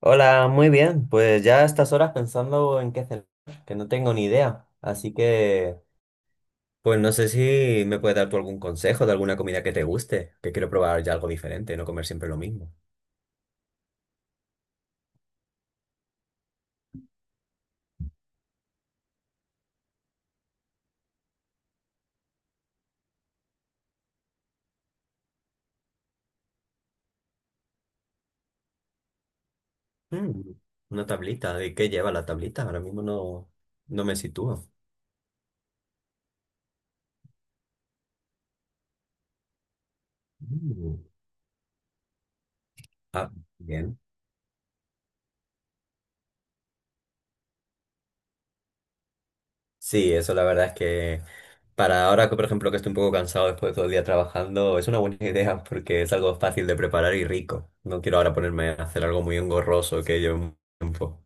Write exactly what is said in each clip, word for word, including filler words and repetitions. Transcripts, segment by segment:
Hola, muy bien. Pues ya a estas horas pensando en qué hacer, que no tengo ni idea. Así que, pues no sé si me puedes dar tú algún consejo de alguna comida que te guste, que quiero probar ya algo diferente, no comer siempre lo mismo. Mm, una tablita. ¿De qué lleva la tablita? Ahora mismo no, no me sitúo. Mm. Ah, bien. Sí, eso la verdad es que para ahora que por ejemplo que estoy un poco cansado después de todo el día trabajando, es una buena idea porque es algo fácil de preparar y rico. No quiero ahora ponerme a hacer algo muy engorroso que lleve un tiempo.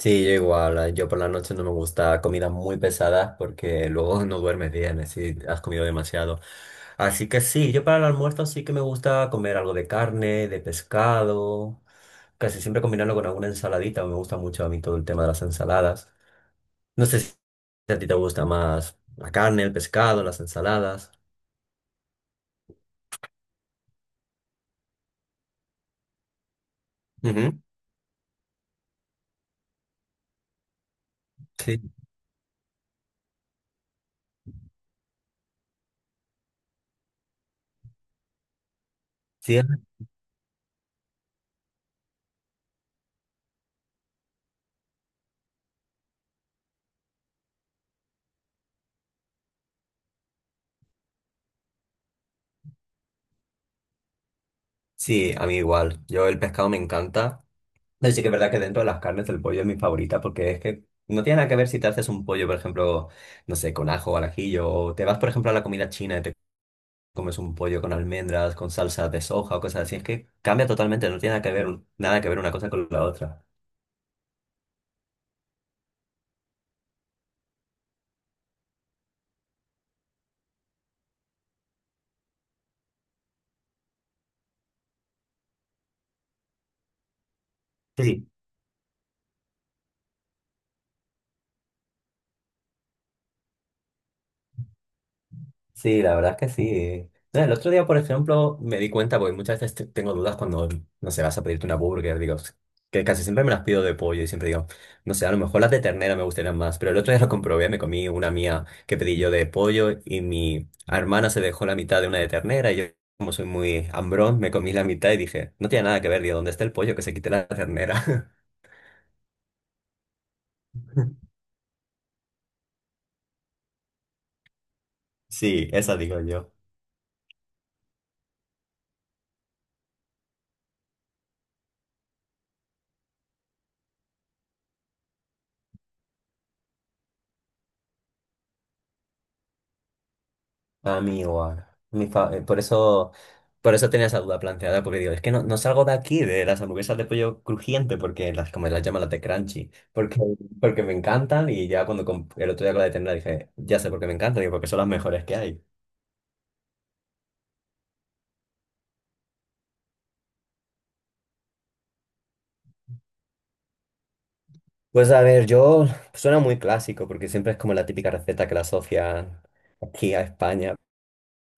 Sí, yo igual, ah, yo por la noche no me gusta comidas muy pesadas porque luego no duermes bien, si has comido demasiado. Así que sí, yo para el almuerzo sí que me gusta comer algo de carne, de pescado, casi siempre combinarlo con alguna ensaladita, me gusta mucho a mí todo el tema de las ensaladas. No sé si a ti te gusta más la carne, el pescado, las ensaladas. Ujú. Sí, sí, es- sí, a mí igual. Yo el pescado me encanta. Pero sí que es verdad que dentro de las carnes el pollo es mi favorita porque es que no tiene nada que ver si te haces un pollo, por ejemplo, no sé, con ajo o al ajillo, o te vas, por ejemplo, a la comida china y te comes un pollo con almendras, con salsa de soja o cosas así. Es que cambia totalmente, no tiene nada que ver, nada que ver una cosa con la otra. Sí, sí. Sí, la verdad es que sí. No, el otro día, por ejemplo, me di cuenta, porque muchas veces te- tengo dudas cuando, no sé, vas a pedirte una burger, digo, que casi siempre me las pido de pollo y siempre digo, no sé, a lo mejor las de ternera me gustarían más, pero el otro día lo comprobé, me comí una mía que pedí yo de pollo y mi hermana se dejó la mitad de una de ternera y yo, como soy muy hambrón, me comí la mitad y dije, no tiene nada que ver, digo, ¿dónde está el pollo? Que se quite la ternera. Sí, esa digo yo. A mí igual. Mi fa- eh, Por eso, por eso tenía esa duda planteada, porque digo, es que no, no salgo de aquí, de las hamburguesas de pollo crujiente, porque las, como las llaman las de crunchy, porque, porque me encantan y ya cuando comp- el otro día con la de ternera dije, ya sé por qué me encantan, digo, porque son las mejores que hay. Pues a ver, yo suena muy clásico, porque siempre es como la típica receta que la asocian aquí a España.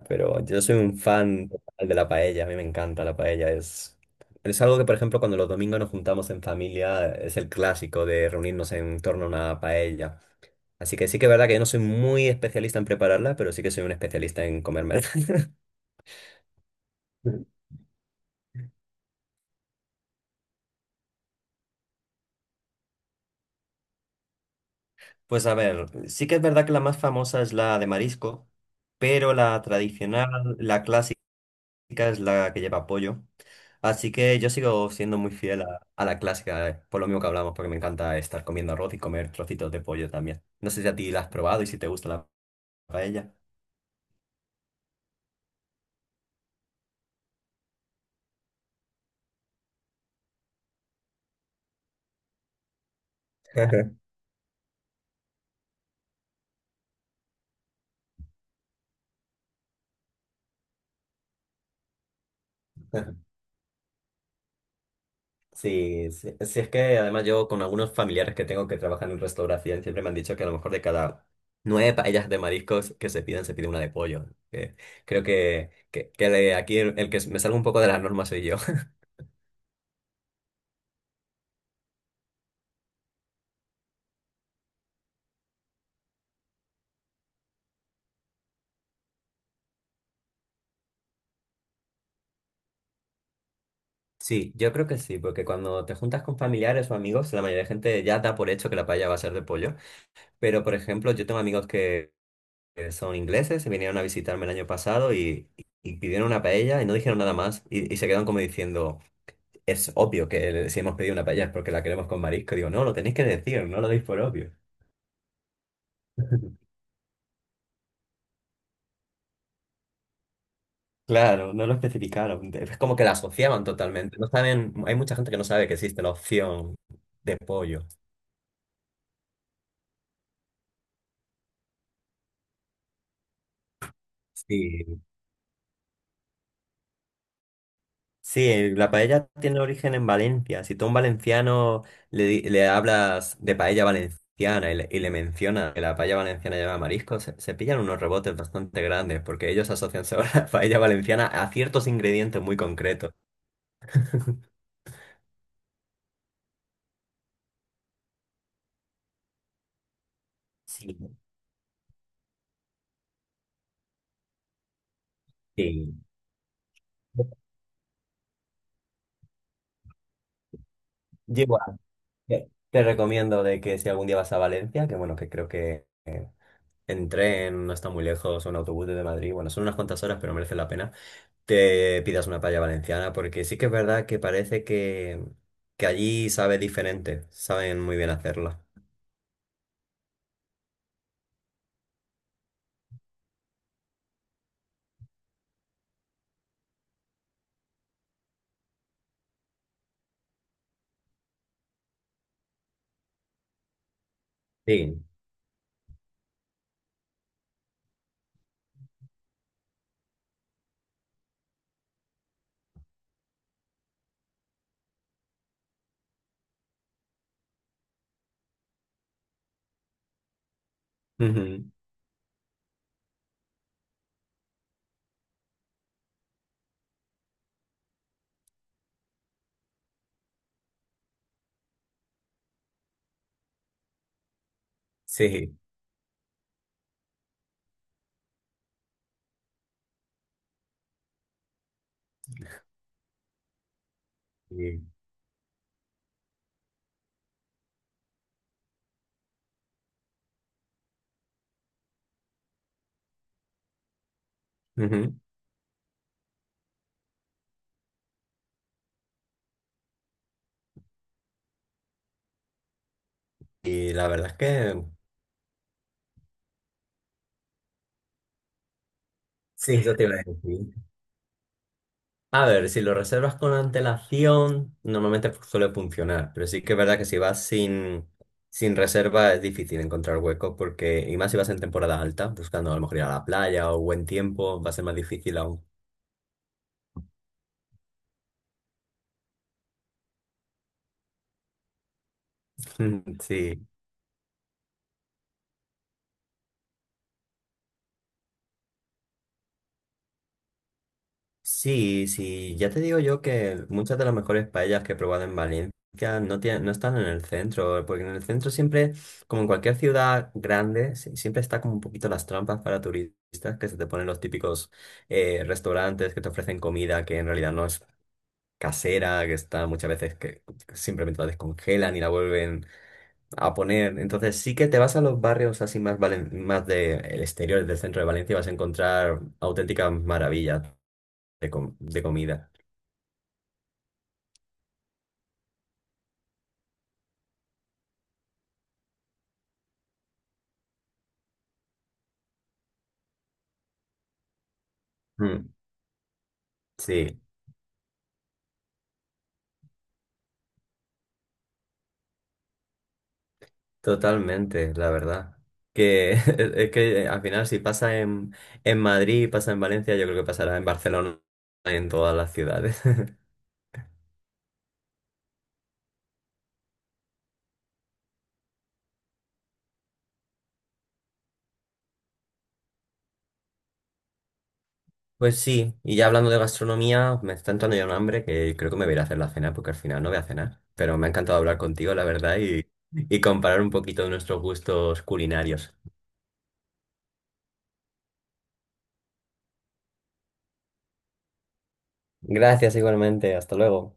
Pero yo soy un fan total de la paella, a mí me encanta la paella. Es, es algo que, por ejemplo, cuando los domingos nos juntamos en familia, es el clásico de reunirnos en torno a una paella. Así que sí que es verdad que yo no soy muy especialista en prepararla, pero sí que soy un especialista en comerme. Pues a ver, sí que es verdad que la más famosa es la de marisco, pero la tradicional, la clásica. Clásica es la que lleva pollo. Así que yo sigo siendo muy fiel a, a la clásica, eh, por lo mismo que hablamos, porque me encanta estar comiendo arroz y comer trocitos de pollo también. No sé si a ti la has probado y si te gusta la paella. Sí, sí, sí, es que además yo con algunos familiares que tengo que trabajan en restauración siempre me han dicho que a lo mejor de cada nueve paellas de mariscos que se piden, se pide una de pollo. Que creo que, que, que de aquí el, el que me salgo un poco de las normas soy yo. Sí, yo creo que sí, porque cuando te juntas con familiares o amigos, la mayoría de gente ya da por hecho que la paella va a ser de pollo. Pero, por ejemplo, yo tengo amigos que que son ingleses, se vinieron a visitarme el año pasado y, y pidieron una paella y no dijeron nada más y, y se quedan como diciendo, es obvio que le- si hemos pedido una paella es porque la queremos con marisco. Digo, no, lo tenéis que decir, no lo deis por obvio. Claro, no lo especificaron. Es como que la asociaban totalmente. No saben, hay mucha gente que no sabe que existe la opción de pollo. Sí, sí, el- la paella tiene origen en Valencia. Si tú a un valenciano le, di- le hablas de paella valenciana y le, y le mencionas que la paella valenciana lleva mariscos, se, se pillan unos rebotes bastante grandes porque ellos asocian sobre la paella valenciana a ciertos ingredientes muy concretos. Sí. Sí. Yo igual, te te recomiendo de que si algún día vas a Valencia, que bueno, que creo que eh, en tren no está muy lejos, o en autobús desde Madrid, bueno, son unas cuantas horas, pero merece la pena te pidas una paella valenciana, porque sí que es verdad que parece que, que allí sabe diferente, saben muy bien hacerla. Sí, ujú, sí, y- ujú. Y la verdad es que sí, eso te iba a decir. A ver, si lo reservas con antelación, normalmente fu- suele funcionar, pero sí que es verdad que si vas sin, sin reserva es difícil encontrar hueco, porque, y más si vas en temporada alta, buscando a lo mejor ir a la playa o buen tiempo, va a ser más difícil aún. Sí. Sí, sí, ya te digo yo que muchas de las mejores paellas que he probado en Valencia no, tienen, no están en el centro, porque en el centro siempre, como en cualquier ciudad grande, si- siempre está como un poquito las trampas para turistas, que se te ponen los típicos eh, restaurantes que te ofrecen comida que en realidad no es casera, que está muchas veces que simplemente la descongelan y la vuelven a poner. Entonces sí que te vas a los barrios así más, valen- más del exterior del centro de Valencia y vas a encontrar auténticas maravillas de com- de comida. Mm. Sí, totalmente, la verdad. Que es que eh, al final si pasa en, en Madrid pasa en Valencia, yo creo que pasará en Barcelona y en todas las ciudades. Pues sí, y ya hablando de gastronomía, me está entrando ya un hambre que creo que me voy a ir a hacer la cena porque al final no voy a cenar. Pero me ha encantado hablar contigo, la verdad, y, y comparar un poquito de nuestros gustos culinarios. Gracias igualmente, hasta luego.